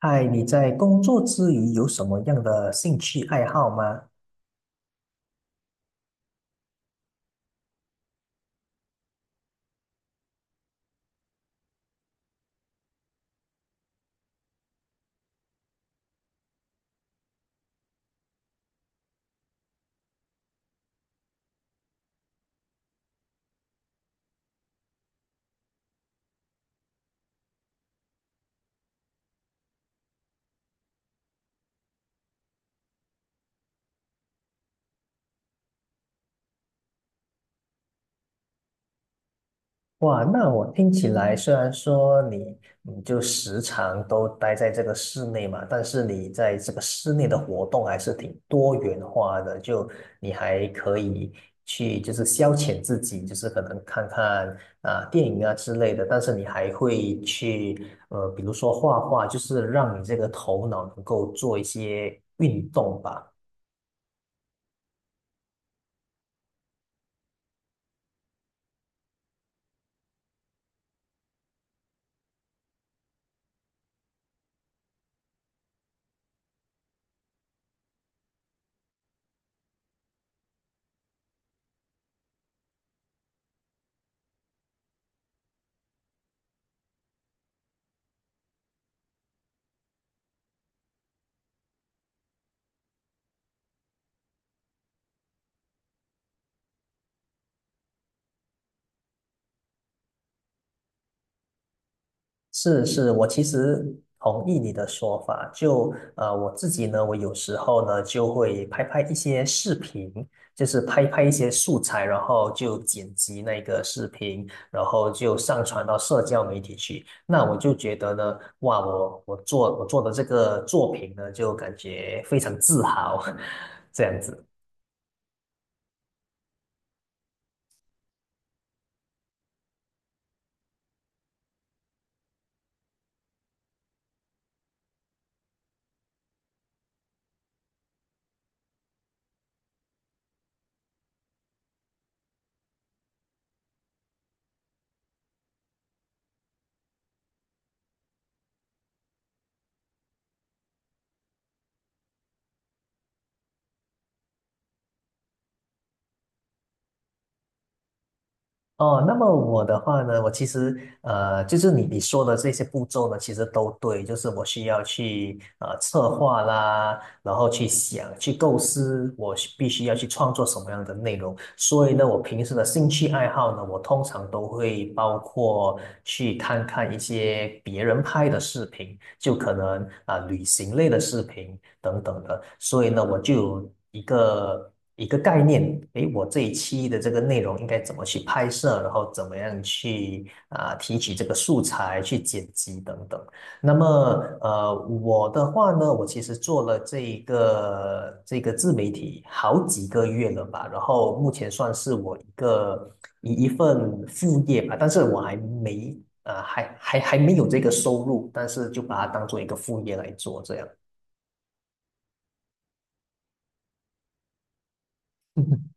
嗨，你在工作之余有什么样的兴趣爱好吗？哇，那我听起来虽然说你就时常都待在这个室内嘛，但是你在这个室内的活动还是挺多元化的，就你还可以去就是消遣自己，就是可能看看啊、电影啊之类的，但是你还会去比如说画画，就是让你这个头脑能够做一些运动吧。是是，我其实同意你的说法。就我自己呢，我有时候呢就会拍拍一些视频，就是拍拍一些素材，然后就剪辑那个视频，然后就上传到社交媒体去。那我就觉得呢，哇，我做的这个作品呢，就感觉非常自豪。这样子。哦，那么我的话呢，我其实就是你说的这些步骤呢，其实都对，就是我需要去策划啦，然后去想、去构思，我必须要去创作什么样的内容。所以呢，我平时的兴趣爱好呢，我通常都会包括去看看一些别人拍的视频，就可能啊、旅行类的视频等等的。所以呢，我就有一个概念。诶，我这一期的这个内容应该怎么去拍摄，然后怎么样去啊、提取这个素材，去剪辑等等。那么呃，我的话呢，我其实做了这个自媒体好几个月了吧，然后目前算是我一个一份副业吧，但是我还没有这个收入，但是就把它当做一个副业来做这样。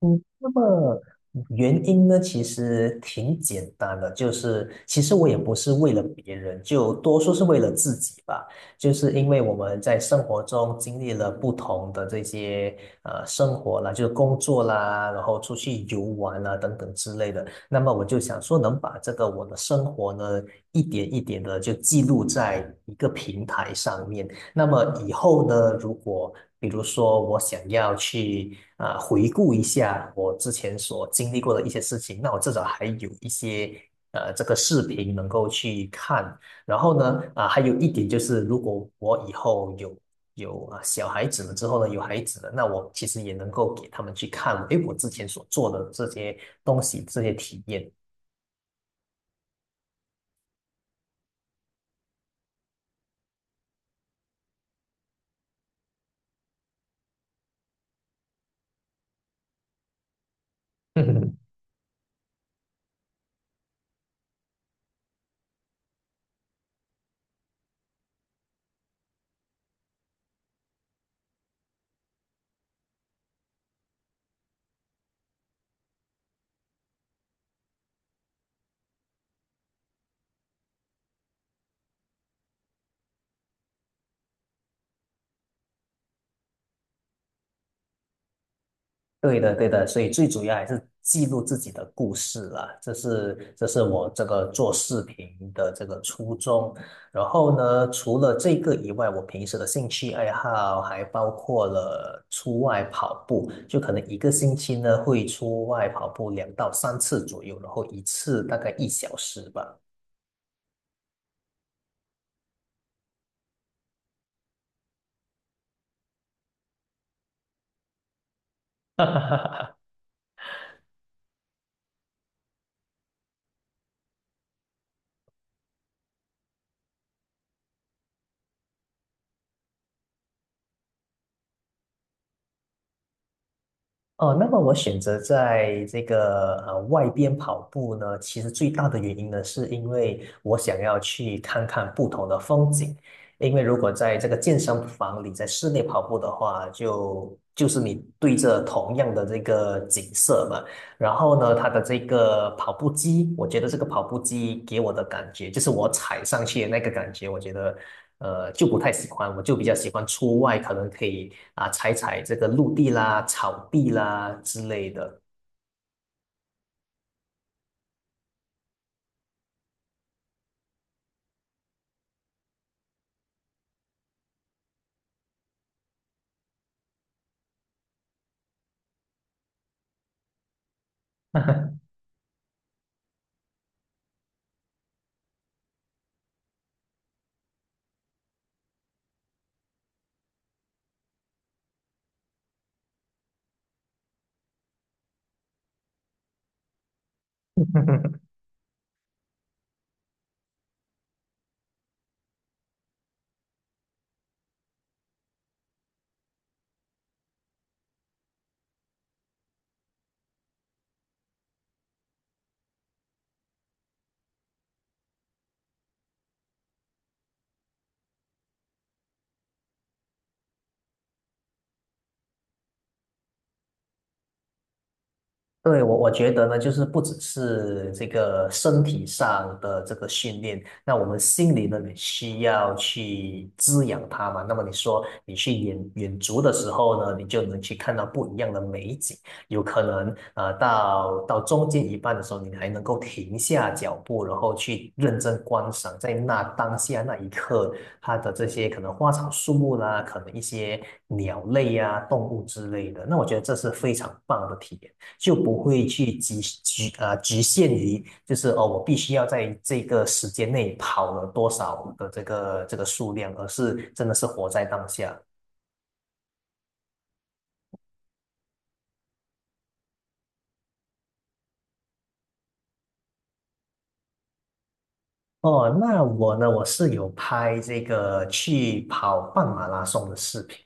嗯，那么原因呢，其实挺简单的，就是其实我也不是为了别人，就多数是为了自己吧。就是因为我们在生活中经历了不同的这些生活啦，就是工作啦，然后出去游玩啦等等之类的。那么我就想说，能把这个我的生活呢，一点一点的就记录在一个平台上面。那么以后呢，如果比如说我想要去啊、回顾一下我之前所经历过的一些事情，那我至少还有一些这个视频能够去看。然后呢，啊、还有一点就是，如果我以后有啊小孩子了之后呢，有孩子了，那我其实也能够给他们去看。诶，我之前所做的这些东西，这些体验。对的，对的，所以最主要还是记录自己的故事啦，这是我这个做视频的这个初衷。然后呢，除了这个以外，我平时的兴趣爱好还包括了出外跑步，就可能一个星期呢会出外跑步2 到 3 次左右，然后一次大概1 小时吧。哦，那么我选择在这个外边跑步呢，其实最大的原因呢，是因为我想要去看看不同的风景。因为如果在这个健身房里，在室内跑步的话，就是你对着同样的这个景色嘛。然后呢，它的这个跑步机，我觉得这个跑步机给我的感觉，就是我踩上去的那个感觉，我觉得就不太喜欢，我就比较喜欢出外，可能可以啊踩踩这个陆地啦、草地啦之类的。对，我觉得呢，就是不只是这个身体上的这个训练，那我们心里呢也需要去滋养它嘛。那么你说你去远足的时候呢，你就能去看到不一样的美景，有可能到中间一半的时候，你还能够停下脚步，然后去认真观赏，在那当下那一刻，它的这些可能花草树木啦，可能一些鸟类呀、动物之类的，那我觉得这是非常棒的体验。就不会去局限于，就是哦，我必须要在这个时间内跑了多少的这个数量，而是真的是活在当下。哦，那我呢，我是有拍这个去跑半马拉松的视频。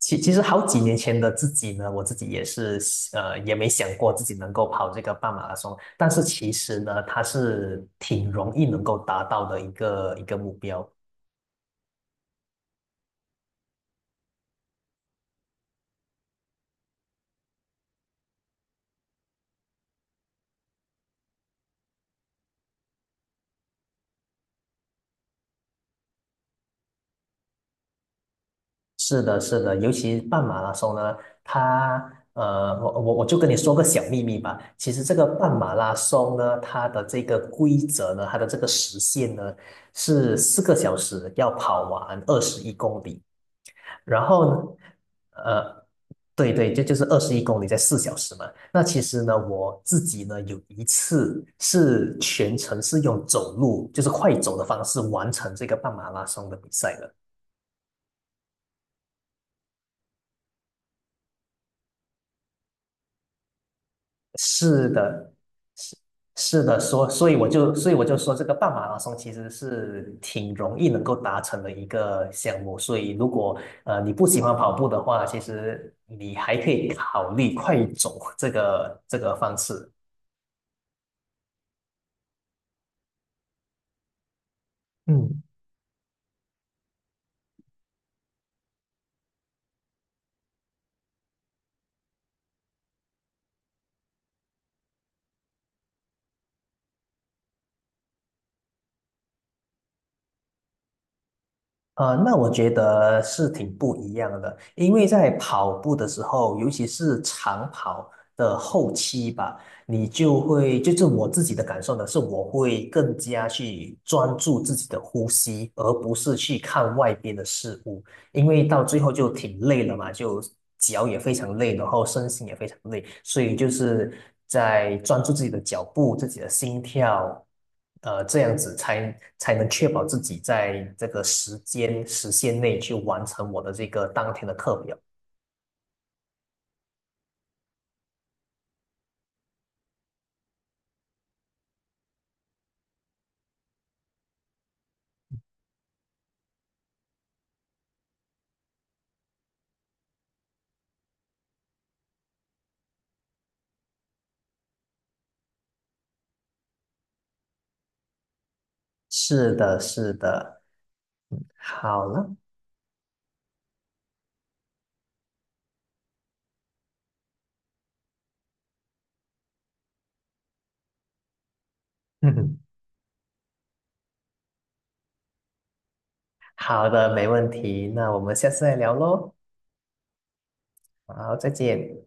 其实好几年前的自己呢，我自己也是也没想过自己能够跑这个半马拉松，但是其实呢，它是挺容易能够达到的一个目标。是的，是的，尤其半马拉松呢，它我就跟你说个小秘密吧。其实这个半马拉松呢，它的这个规则呢，它的这个时限呢是4 个小时要跑完二十一公里。然后呢，呃，对对，这就是二十一公里在4 小时嘛。那其实呢，我自己呢有一次是全程是用走路，就是快走的方式完成这个半马拉松的比赛的。是的，是是的，所以我就说这个半马拉松其实是挺容易能够达成的一个项目，所以如果你不喜欢跑步的话，其实你还可以考虑快走这个方式。嗯。那我觉得是挺不一样的，因为在跑步的时候，尤其是长跑的后期吧，你就会，就是我自己的感受呢，是我会更加去专注自己的呼吸，而不是去看外边的事物。因为到最后就挺累了嘛，就脚也非常累，然后身心也非常累，所以就是在专注自己的脚步、自己的心跳，这样子才能确保自己在这个时间时限内去完成我的这个当天的课表。是的，是的，好了。好的，没问题，那我们下次再聊喽。好，再见。